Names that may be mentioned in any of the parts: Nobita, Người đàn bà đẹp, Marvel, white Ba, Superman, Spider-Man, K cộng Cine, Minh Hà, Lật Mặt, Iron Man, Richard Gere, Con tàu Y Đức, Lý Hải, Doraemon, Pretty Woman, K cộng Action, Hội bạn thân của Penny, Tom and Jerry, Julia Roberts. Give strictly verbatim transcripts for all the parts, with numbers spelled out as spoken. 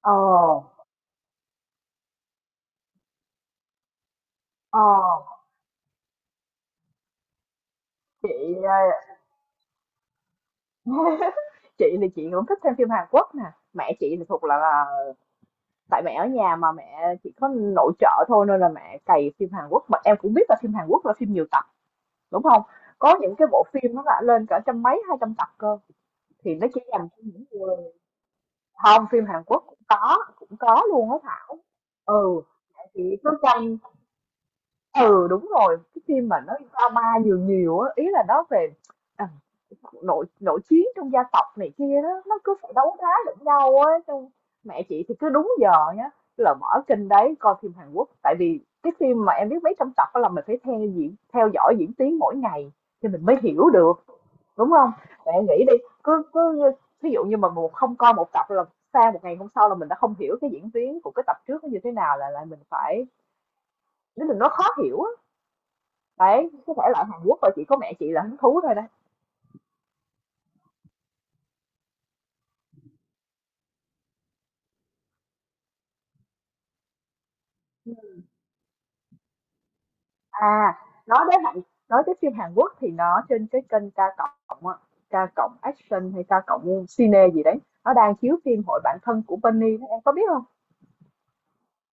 Ờ, ờ, chị, ờ, chị thì chị cũng thích xem phim Hàn Quốc nè. Mẹ chị thì thuộc là, là tại mẹ ở nhà mà mẹ chỉ có nội trợ thôi nên là mẹ cày phim Hàn Quốc. Mà em cũng biết là phim Hàn Quốc là phim nhiều tập, đúng không? Có những cái bộ phim nó đã lên cả trăm mấy, hai trăm tập cơ. Thì nó chỉ dành cho những người không, phim Hàn Quốc cũng có, cũng có luôn á Thảo. Ừ, mẹ chị cứ canh. Ừ, đúng rồi, cái phim mà nó drama nhiều nhiều á, ý là nó về à, nội nội chiến trong gia tộc này kia đó, nó cứ phải đấu đá lẫn nhau á. Xong mẹ chị thì cứ đúng giờ nhá là mở kênh đấy coi phim Hàn Quốc, tại vì cái phim mà em biết mấy trăm tập đó là mình phải theo diễn, theo dõi diễn tiến mỗi ngày thì mình mới hiểu được, đúng không? Mẹ nghĩ đi, cứ cứ ví dụ như mà một không coi một tập là sang một ngày hôm sau là mình đã không hiểu cái diễn tiến của cái tập trước nó như thế nào, là là mình phải, nếu mình nó khó hiểu á. Đấy, có thể là Hàn Quốc rồi chỉ có mẹ chị là hứng thú thôi đó. À, nói đến Hàn nói tới phim Hàn Quốc thì nó trên cái kênh K cộng á, K cộng Action hay K cộng Cine gì đấy, nó đang chiếu phim Hội bạn thân của Penny đó, em có biết không?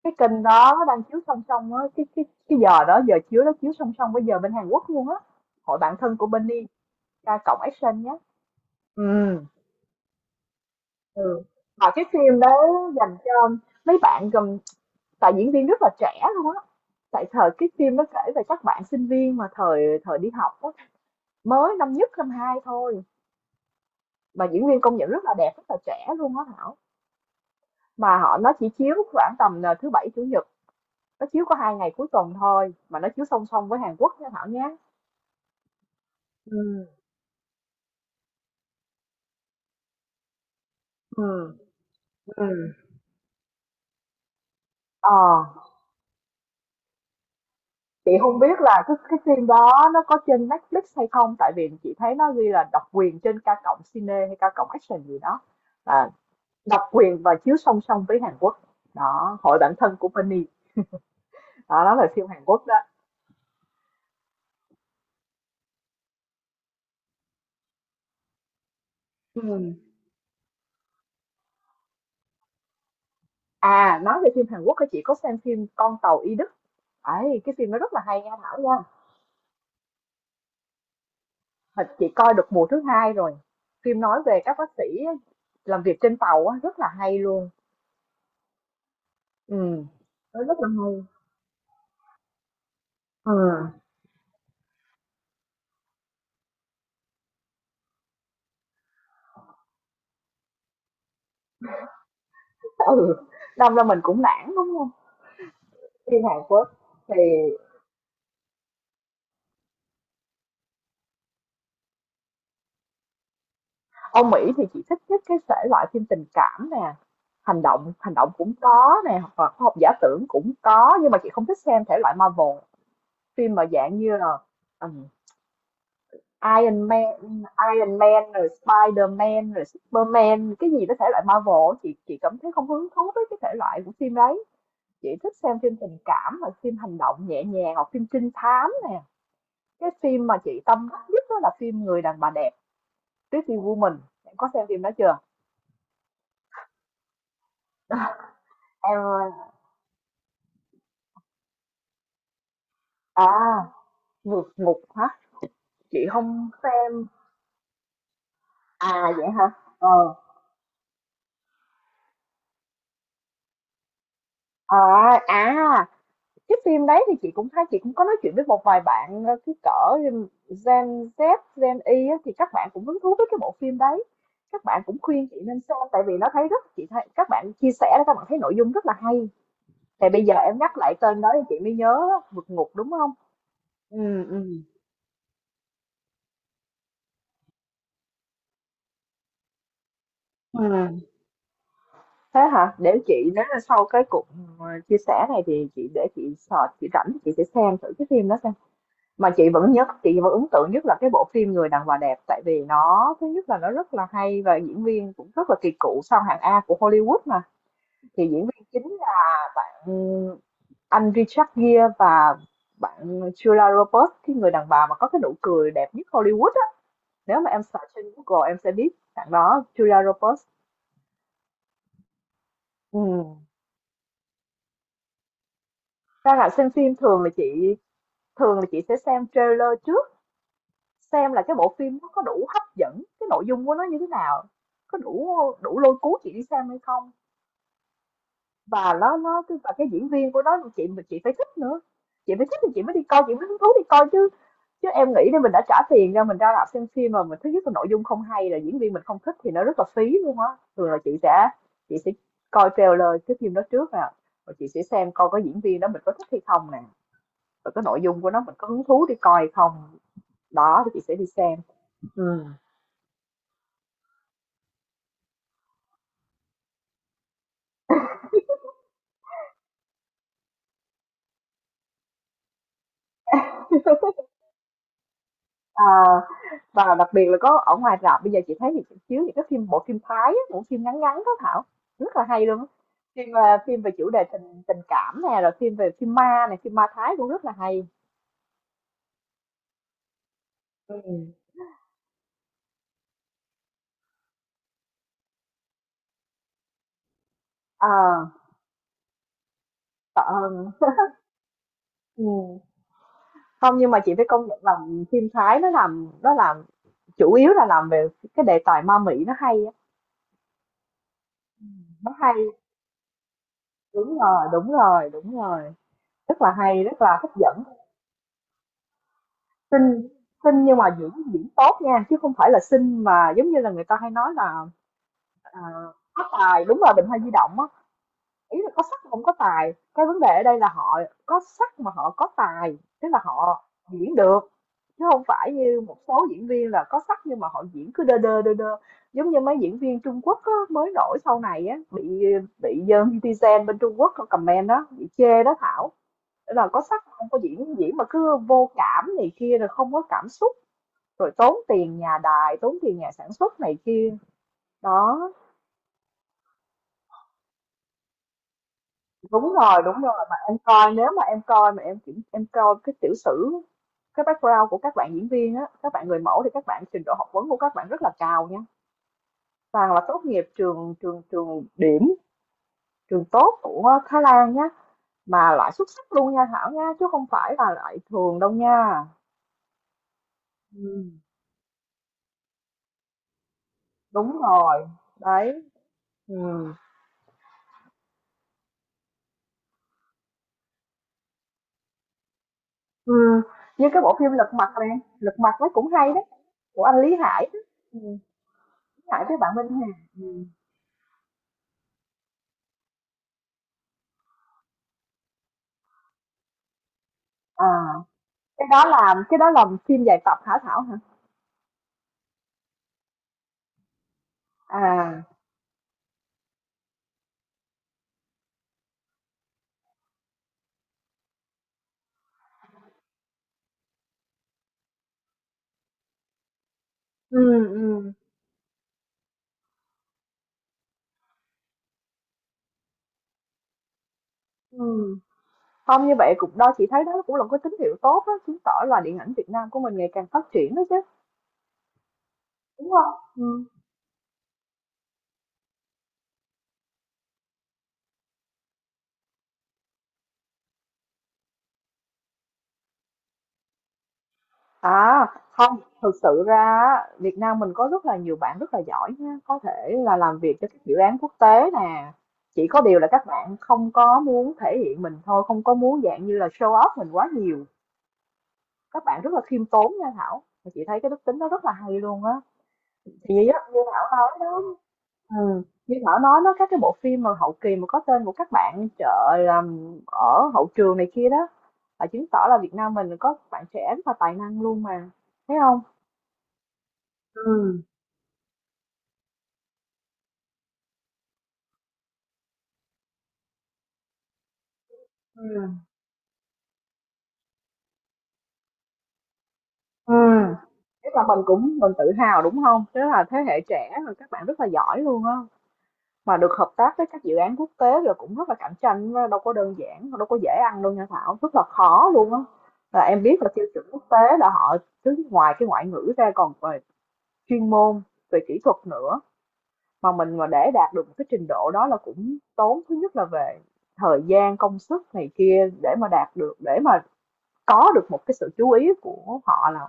Cái kênh đó nó đang chiếu song song á, cái cái cái giờ đó, giờ chiếu nó chiếu song song với giờ bên Hàn Quốc luôn á. Hội bạn thân của Penny, K cộng Action nhé. Ừ, ừ. Mà cái phim đó dành cho mấy bạn gồm, tại diễn viên rất là trẻ luôn á. Tại thời cái phim nó kể về các bạn sinh viên mà thời thời đi học á, mới năm nhất năm hai thôi, mà diễn viên công nhận rất là đẹp, rất là trẻ luôn á Thảo. Mà họ nó chỉ chiếu khoảng tầm là thứ bảy chủ nhật, nó chiếu có hai ngày cuối tuần thôi, mà nó chiếu song song với Hàn Quốc nha Thảo nhé. ừ ừ ừ ờ chị không biết là cái cái phim đó nó có trên Netflix hay không, tại vì chị thấy nó ghi là độc quyền trên K cộng Cine hay K cộng Action gì đó. À, độc quyền và chiếu song song với Hàn Quốc đó, Hội bạn thân của Penny đó, đó là phim Hàn Quốc đó. Ừ. À, nói về phim Hàn Quốc thì chị có xem phim Con tàu Y Đức. Ấy, cái phim nó rất là hay nha Thảo nha. Thật chị coi được mùa thứ hai rồi. Phim nói về các bác sĩ làm việc trên tàu á, rất là hay luôn. Ừ, nó rất là hay. Ừ. Ừ, đâm ra mình cũng nản đúng không? Phim Hàn Quốc thì, Âu Mỹ thì chị thích nhất cái thể loại phim tình cảm nè, hành động, hành động cũng có nè, hoặc là khoa học giả tưởng cũng có, nhưng mà chị không thích xem thể loại Marvel, phim mà dạng như là ừ, Iron Man Iron Man rồi Spider-Man rồi Superman cái gì đó. Thể loại Marvel chị chị cảm thấy không hứng thú với cái thể loại của phim đấy. Chị thích xem phim tình cảm hoặc phim hành động nhẹ nhàng hoặc phim trinh thám nè. Cái phim mà chị tâm đắc nhất đó là phim Người đàn bà đẹp, Pretty Woman. Em có xem phim đó chưa? Em, à, vượt ngục hả? Chị không xem. À vậy hả? Ờ. à, à Cái phim đấy thì chị cũng thấy, chị cũng có nói chuyện với một vài bạn ờ, cái cỡ gen dét, gen i dài á, thì các bạn cũng hứng thú với cái bộ phim đấy. Các bạn cũng khuyên chị nên xem, tại vì nó thấy rất, chị thấy các bạn chia sẻ đó, các bạn thấy nội dung rất là hay. Thì bây giờ em nhắc lại tên đó thì chị mới nhớ á, vượt ngục đúng không? Ừ, ừ. Ừ, thế hả? Để chị, nếu là sau cái cuộc ờ, chia sẻ này thì chị để chị search, chị rảnh thì chị sẽ xem thử cái phim đó xem. Mà chị vẫn nhất, chị vẫn ấn tượng nhất là cái bộ phim Người đàn bà đẹp, tại vì nó thứ nhất là nó rất là hay và diễn viên cũng rất là kỳ cựu, sau hạng A của Hollywood mà. Thì diễn viên chính là bạn anh Richard Gere và bạn Julia Roberts, cái người đàn bà mà có cái nụ cười đẹp nhất Hollywood á. Nếu mà em search trên Google em sẽ biết bạn đó, Julia Roberts. Ừ. Ra là xem phim, thường là chị thường là chị sẽ xem trailer trước, xem là cái bộ phim nó có đủ hấp dẫn, cái nội dung của nó như thế nào, có đủ, đủ lôi cuốn chị đi xem hay không. Và nó nó cái và cái diễn viên của nó chị chị phải thích nữa. Chị phải thích thì chị mới đi coi, chị mới hứng thú đi coi chứ. Chứ em nghĩ là mình đã trả tiền ra, mình ra rạp xem phim mà mình thứ nhất là nội dung không hay, là diễn viên mình không thích thì nó rất là phí luôn á. Thường là chị sẽ chị sẽ coi trailer cái phim đó trước nè, và chị sẽ xem coi có diễn viên đó mình có thích hay không nè, và cái nội dung của nó mình có hứng thú đi coi hay không. Đó thì chị sẽ đi xem. Ừ. Ờ, và đặc biệt là có ở ngoài rạp bây giờ chị thấy thì chiếu những cái phim, bộ phim Thái á, bộ phim ngắn ngắn đó Thảo, rất là hay luôn á. Phim ờ, phim về chủ đề tình tình cảm nè, rồi phim về, phim ma này, phim ma Thái cũng rất là hay. Ừ. Ờ, ờ, ừ. Không, nhưng mà chị phải công nhận là phim Thái nó làm nó làm chủ yếu là làm về cái đề tài ma mị nó hay á. Nó hay, đúng rồi, đúng rồi, đúng rồi, rất là hay, rất là hấp dẫn. Xinh, xinh nhưng mà diễn diễn tốt nha, chứ không phải là xinh mà giống như là người ta hay nói là, à, có tài, đúng là Bình Hoa Di Động á, ý là có sắc mà hông có tài. Cái vấn đề ở đây là họ có sắc mà họ có tài, tức là họ diễn được, chứ không phải như một số diễn viên là có sắc nhưng mà họ diễn cứ đơ đơ, đơ đơ. Giống như mấy diễn viên Trung Quốc á, mới nổi sau này á, bị bị netizen bên Trung Quốc comment đó, bị chê đó Thảo, là có sắc không có diễn, diễn mà cứ vô cảm này kia, rồi không có cảm xúc. Rồi tốn tiền nhà đài, tốn tiền nhà sản xuất này kia. Đó, đúng rồi, đúng rồi. Mà em coi, nếu mà em coi mà em kiểm, em coi cái tiểu sử, cái background của các bạn diễn viên á, các bạn người mẫu, thì các bạn trình độ học vấn của các bạn rất là cao nha. Toàn là tốt nghiệp trường trường trường điểm, trường tốt của Thái Lan nhá, mà loại xuất sắc luôn nha Thảo nha, chứ không phải là loại thường đâu nha. Ừ, đúng rồi. Đấy. Ừ. Ừm, Như cái bộ phim Lật Mặt này, Lật Mặt nó cũng hay đấy, của anh Lý Hải đó, ừm, Lý Hải với bạn Minh Hà, ừm, à, cái đó là cái đó là phim dài tập hả Thảo hả? À, ừm, ừm, ừm, không như vậy cũng đó, chị thấy đó cũng là một cái tín hiệu tốt á, chứng tỏ là điện ảnh Việt Nam của mình ngày càng phát triển đó chứ, đúng không? Ừ. À, không, thực sự ra á, Việt Nam mình có rất là nhiều bạn rất là giỏi nha, có thể là làm việc cho các dự án quốc tế nè. Chỉ có điều là các bạn không có muốn thể hiện mình thôi, không có muốn dạng như là show off mình quá nhiều. Các bạn rất là khiêm tốn nha Thảo. Mà chị thấy cái đức tính đó rất là hay luôn á. Thì như, như Thảo nói đó, ừ. Như Thảo nói đó, các cái bộ phim mà hậu kỳ mà có tên của các bạn trời làm ở hậu trường này kia đó, là chứng tỏ là Việt Nam mình có bạn trẻ rất là tài năng luôn mà, thấy không? Ừ. Ừm, ừm, Tức là mình cũng mình tự hào, đúng không? Tức là thế hệ trẻ rồi các bạn rất là giỏi luôn á, mà được hợp tác với các dự án quốc tế rồi cũng rất là cạnh tranh á, đâu có đơn giản, đâu có dễ ăn đâu nha Thảo, rất là khó luôn á. Là em biết là tiêu chuẩn quốc tế là họ cứ ngoài cái ngoại ngữ ra còn về chuyên môn, về kỹ thuật nữa, mà mình mà để đạt được một cái trình độ đó là cũng tốn thứ nhất là về thời gian, công sức này kia để mà đạt được, để mà có được một cái sự chú ý của họ là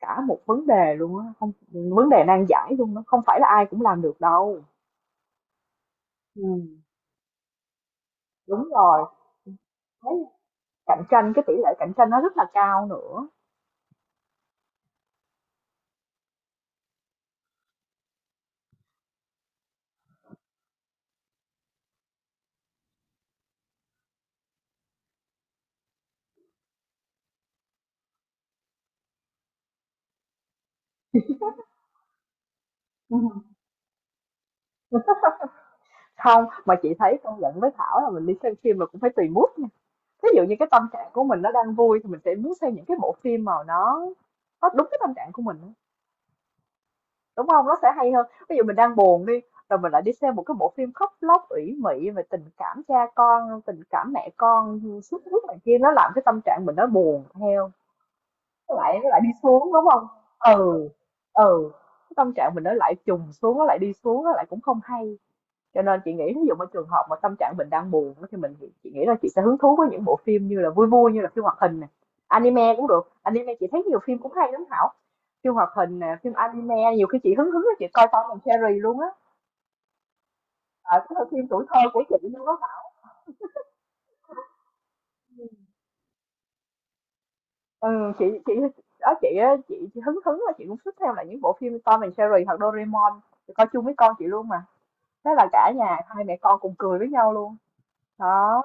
cả một vấn đề luôn á, không, vấn đề nan giải luôn đó, không phải là ai cũng làm được đâu. Ừm. Đúng rồi, cái cạnh tranh, cái tỷ lệ cạnh tranh nó rất là cao nữa. Ừm. Hông, mà chị thấy công nhận với Thảo là mình đi xem phim là cũng phải tùy mood nha. Ví dụ như cái tâm trạng của mình nó đang vui thì mình sẽ muốn xem những cái bộ phim mà nó nó đúng cái tâm trạng của mình á, đúng không? Nó sẽ hay hơn. Ví dụ mình đang buồn đi, rồi mình lại đi xem một cái bộ phim khóc lóc ủy mị về tình cảm cha con, tình cảm mẹ con, ưm, sướt này kia, nó làm cái tâm trạng mình nó buồn theo. nó lại nó lại đi xuống, đúng không? Ừ. Ừ. Cái tâm trạng mình nó lại trùng xuống, nó lại đi xuống, nó lại cũng không hay. Cho nên chị nghĩ ví dụ ở trường hợp mà tâm trạng mình đang buồn á, thì mình chị nghĩ là chị sẽ hứng thú với những bộ phim như là vui vui, như là phim hoạt hình này, anime cũng được. Anime chị thấy nhiều phim cũng hay lắm Thảo. Phim hoạt hình nè, phim anime, nhiều khi chị hứng hứng là chị coi Tom and Jerry luôn á, ở cái phim tuổi thơ của chị luôn á. Ừ, chị chị đó chị á, chị, chị hứng hứng là chị cũng thích theo lại những bộ phim Tom and Jerry hoặc Doraemon. Chị coi chung với con chị luôn mà. Thế là cả nhà hai mẹ con cùng cười với nhau luôn. Đó.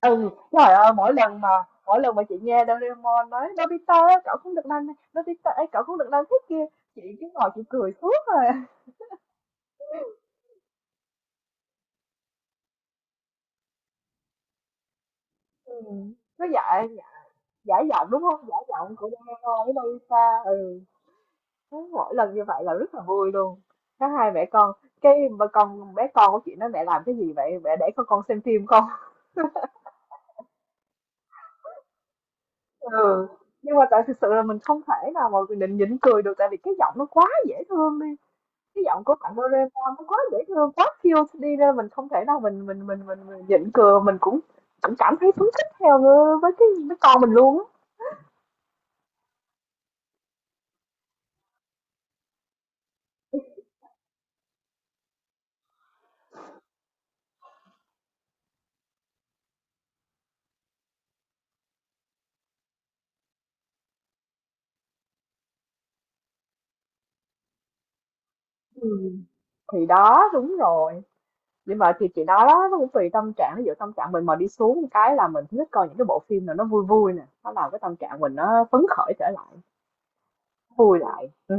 Ừ, trời ơi, mỗi lần mà mỗi lần mà chị nghe Doraemon nói Nobita ơi, cậu không được làm này, Nobita ơi, cậu không được làm thế kia, chị cứ ngồi chị cười suốt rồi. Ừ. Nó giả, giả giọng đúng không? Giả giọng của Doraemon với Nobita. Ừ. Thế mỗi lần như vậy là rất là vui luôn. Các hai mẹ con, cái mà con bé con của chị nói mẹ làm cái gì vậy? Mẹ để con con xem phim không? Ừ, nhưng mà tại thực sự là mình không thể nào mà mình định nhịn cười được, tại vì cái giọng nó quá dễ thương đi. Cái giọng của bạn Doraemon nó quá dễ thương, quá cute đi ra mình không thể nào mình mình mình mình, mình nhịn cười, mình cũng cũng cảm thấy phấn khích theo với cái với con mình luôn á. Ừ. Thì đó đúng rồi. Nhưng mà thì chị nói đó, nó cũng tùy tâm trạng. Ví dụ tâm trạng mình mà đi xuống cái là mình thích coi những cái bộ phim nào nó vui vui nè, nó làm cái tâm trạng mình nó phấn khởi trở lại, vui lại. Ừ.